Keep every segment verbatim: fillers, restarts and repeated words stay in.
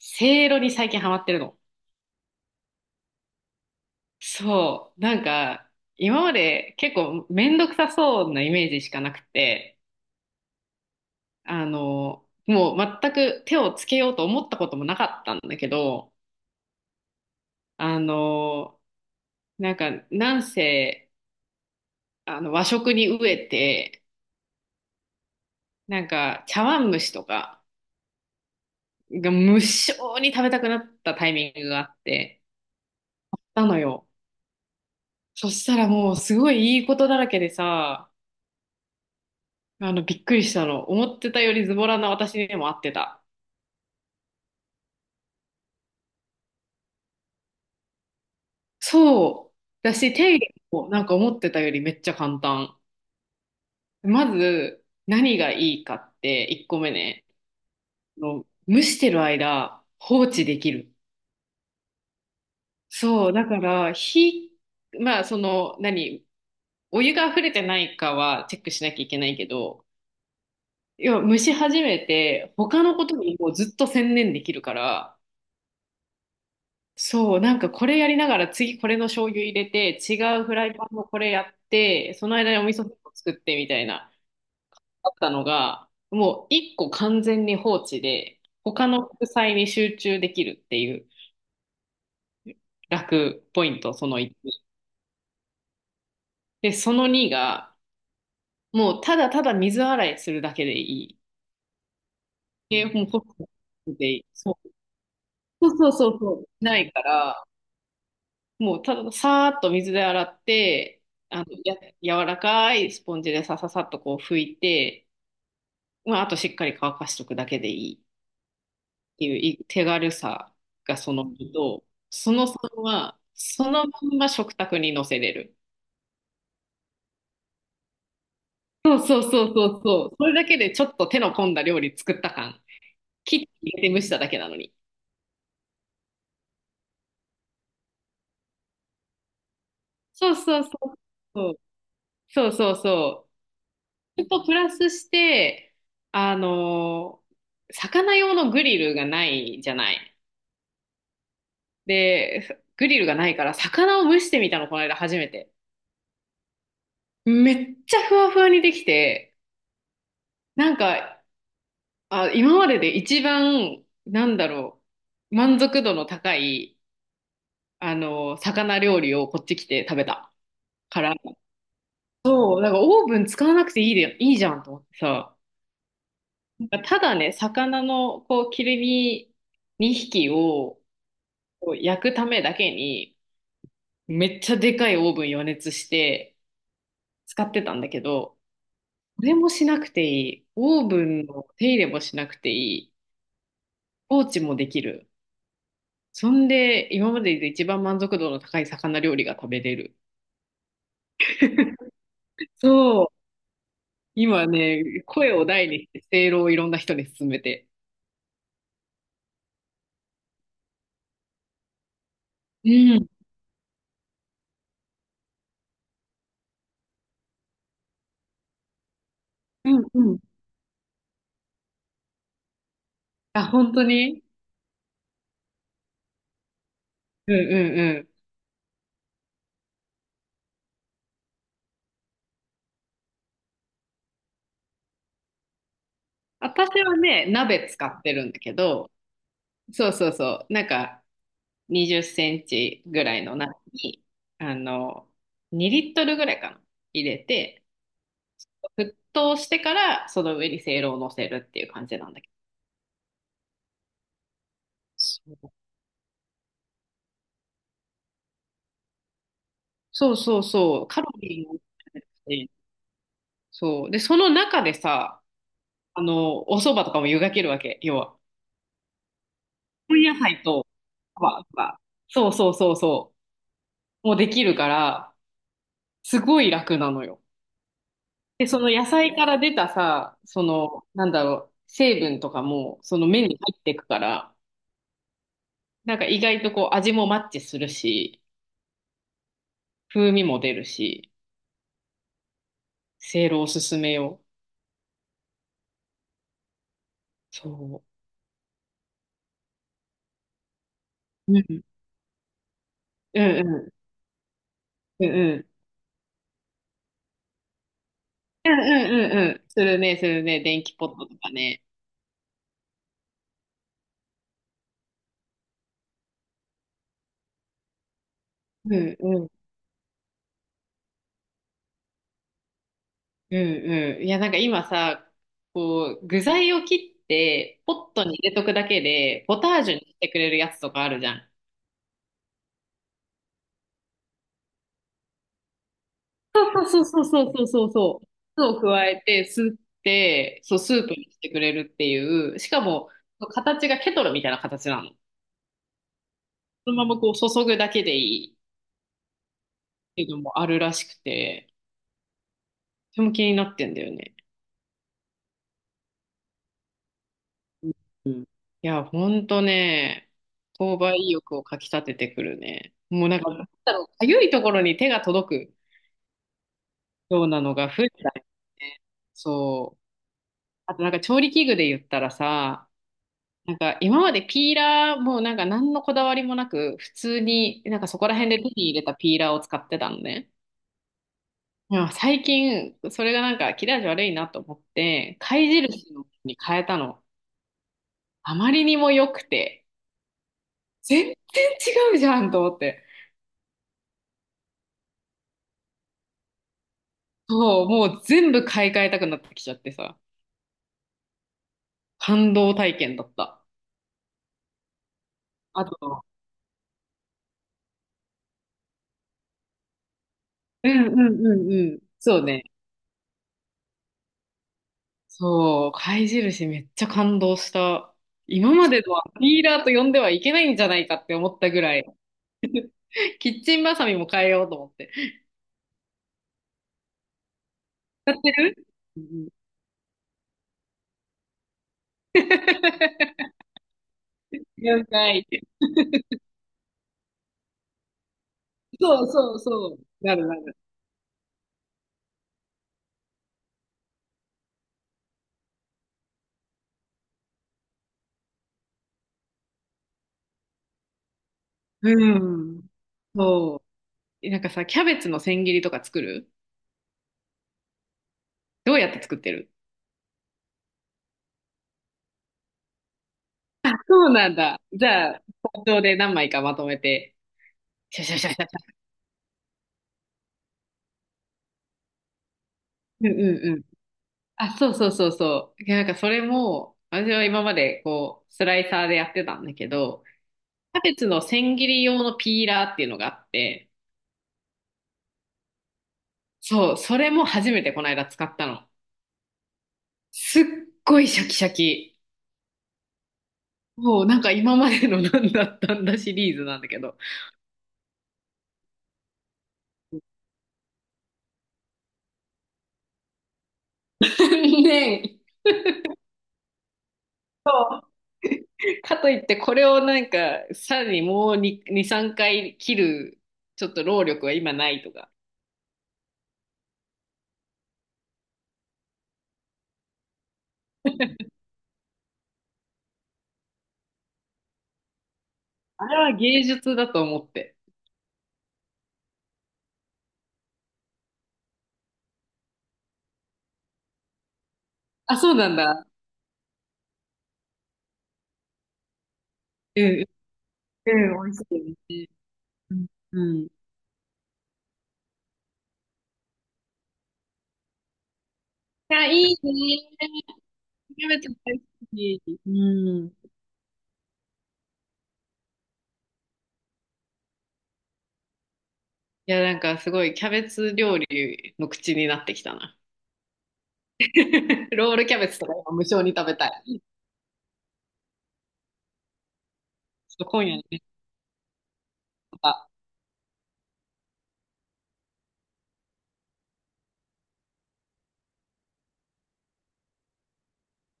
せいろに最近ハマってるの。そう。なんか、今まで結構めんどくさそうなイメージしかなくて、あの、もう全く手をつけようと思ったこともなかったんだけど、あの、なんか、なんせ、あの、和食に飢えて、なんか、茶碗蒸しとかが無性に食べたくなったタイミングがあって、なのよ。そしたらもうすごいいいことだらけでさ、あの、びっくりしたの。思ってたよりズボラな私にも合ってた。そう。だし、手入れもなんか思ってたよりめっちゃ簡単。まず、何がいいかって、いっこめね。あの蒸してる間、放置できる。そう。だから、火、まあ、その、何、お湯が溢れてないかはチェックしなきゃいけないけど、要は蒸し始めて、他のことにもうずっと専念できるから、そう、なんかこれやりながら次これの醤油入れて、違うフライパンもこれやって、その間にお味噌汁を作ってみたいな、あったのが、もう一個完全に放置で、他の副菜に集中できるっていう楽ポイント、そのそのいち。で、そのそのにが、もうただただ水洗いするだけでいい。で、もうポップでいい。そう。そうそうそうそう。ないから、もうたださーっと水で洗って、あの、や、柔らかいスポンジでさささっとこう拭いて、まあ、あとしっかり乾かしとくだけでいいっていうい手軽さがそのそのにと、そのさんは、そのまんま食卓に乗せれる。そうそうそうそうそう。それだけでちょっと手の込んだ料理作った感。切って入れて蒸しただけなのに。そうそうそう。そうそうそうそう。それとプラスして、あの、魚用のグリルがないじゃない。で、グリルがないから魚を蒸してみたの、この間初めて。めっちゃふわふわにできて、なんか、あ、今までで一番、なんだろう、満足度の高い、あの、魚料理をこっち来て食べたから、そう、なんかオーブン使わなくていいで、いいじゃんと思ってさ、なんかただね、魚のこう切り身にひきを、こう焼くためだけに、めっちゃでかいオーブン予熱して使ってたんだけど、これもしなくていい。オーブンの手入れもしなくていい。放置もできる。そんで、今までで一番満足度の高い魚料理が食べれる。そう。今ね、声を大にして、せいろをいろんな人に勧めて。うん。うんうん。あ、本当に。うんうんうん。私はね、鍋使ってるんだけど、そうそうそう。なんか、にじゅっセンチぐらいの中に、あの、にリットルリットルぐらいかな、入れて、沸騰してから、その上にせいろを乗せるっていう感じなんだけど。そうそうそうそう、カロリーも高いし。そう。で、その中でさ、あの、お蕎麦とかも湯がけるわけ、要は。温野菜と、まあ、まあ、そうそうそうそう、もうできるから、すごい楽なのよ。で、その野菜から出たさ、その、なんだろう、成分とかも、その麺に入っていくから、なんか意外とこう味もマッチするし、風味も出るし、せいろおすすめよ。そう。うん。うんうん。うんうん。うんうんうんうん。するね、するね。電気ポットとかね。うんうん。うんうん。いや、なんか今さ、こう、具材を切って、ポットに入れとくだけで、ポタージュにしてくれるやつとかあるじゃん。そうそうそうそうそうそう。酢を加えて、すって、そう、スープにしてくれるっていう、しかも、形がケトルみたいな形なの。そのままこう注ぐだけでいいっていうのもあるらしくて、とても気になってんだよね。うん。いや、ほんとね、購買意欲をかき立ててくるね。もうなんか、なんだろう、かゆいところに手が届くようなのが増えたよね。そう。あとなんか調理器具で言ったらさ、なんか今までピーラーもなんか何のこだわりもなく普通になんかそこら辺で手に入れたピーラーを使ってたのね。でも最近それがなんか切れ味悪いなと思って貝印のに変えたの。あまりにも良くて全然違うじゃんと思って。そう、もう全部買い替えたくなってきちゃってさ。感動体験だった。あと、うんうんうんうん。そうね。そう、貝印めっちゃ感動した。今までのはピーラーと呼んではいけないんじゃないかって思ったぐらい、キッチンバサミも変えようと思って。知ってる？うんうん。了解。そうそうそう。なるなる。うん。そう。なんかさ、キャベツの千切りとか作る？どうやって作ってる？そうなんだ。じゃあ、包丁で何枚かまとめて、シャシャシャシャシャ。うんうん。あ、そうそうそうそう。いや、なんかそれも、私は今までこう、スライサーでやってたんだけど、キャベツの千切り用のピーラーっていうのがあって、そう、それも初めてこの間使ったの。すっごいシャキシャキ。もうなんか今までのなんだったんだシリーズなんだけど。ねえ。かといってこれをなんか、さらにもうに、に、さんかい切る、ちょっと労力は今ないとか。あれは芸術だと思って。あ、そうなんだ。うんうん、美味しいよね。うん。うん。いや、いいね。キャベツ大好き。うん。いや、なんかすごいキャベツ料理の口になってきたな。ロールキャベツとか今無償に食べたい。ちょっと今夜ね、とか、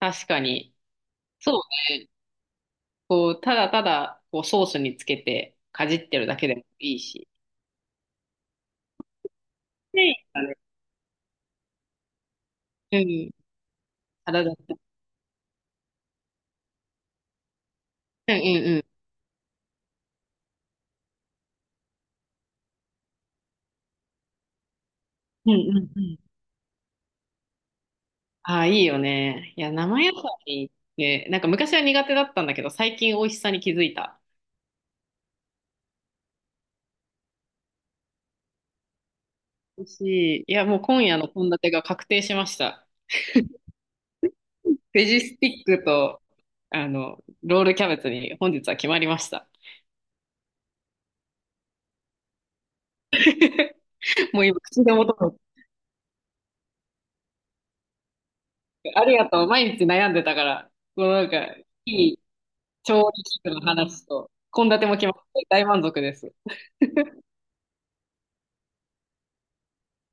確かに。そうね。こう、ただただ、こう、ソースにつけて、かじってるだけでもいいし。ねえ。うん。体だった。うんうんうん。うんうんうん。ああ、いいよね。いや、生野菜って、なんか昔は苦手だったんだけど、最近美味しさに気づいた。美味しい。いや、もう今夜の献立が確定しました。ベジスティックと、あの、ロールキャベツに本日は決まりました。もう今、口でもともてありがとう。毎日悩んでたから、もうなんか、いい調理器具の話と、献立も決まって大満足です。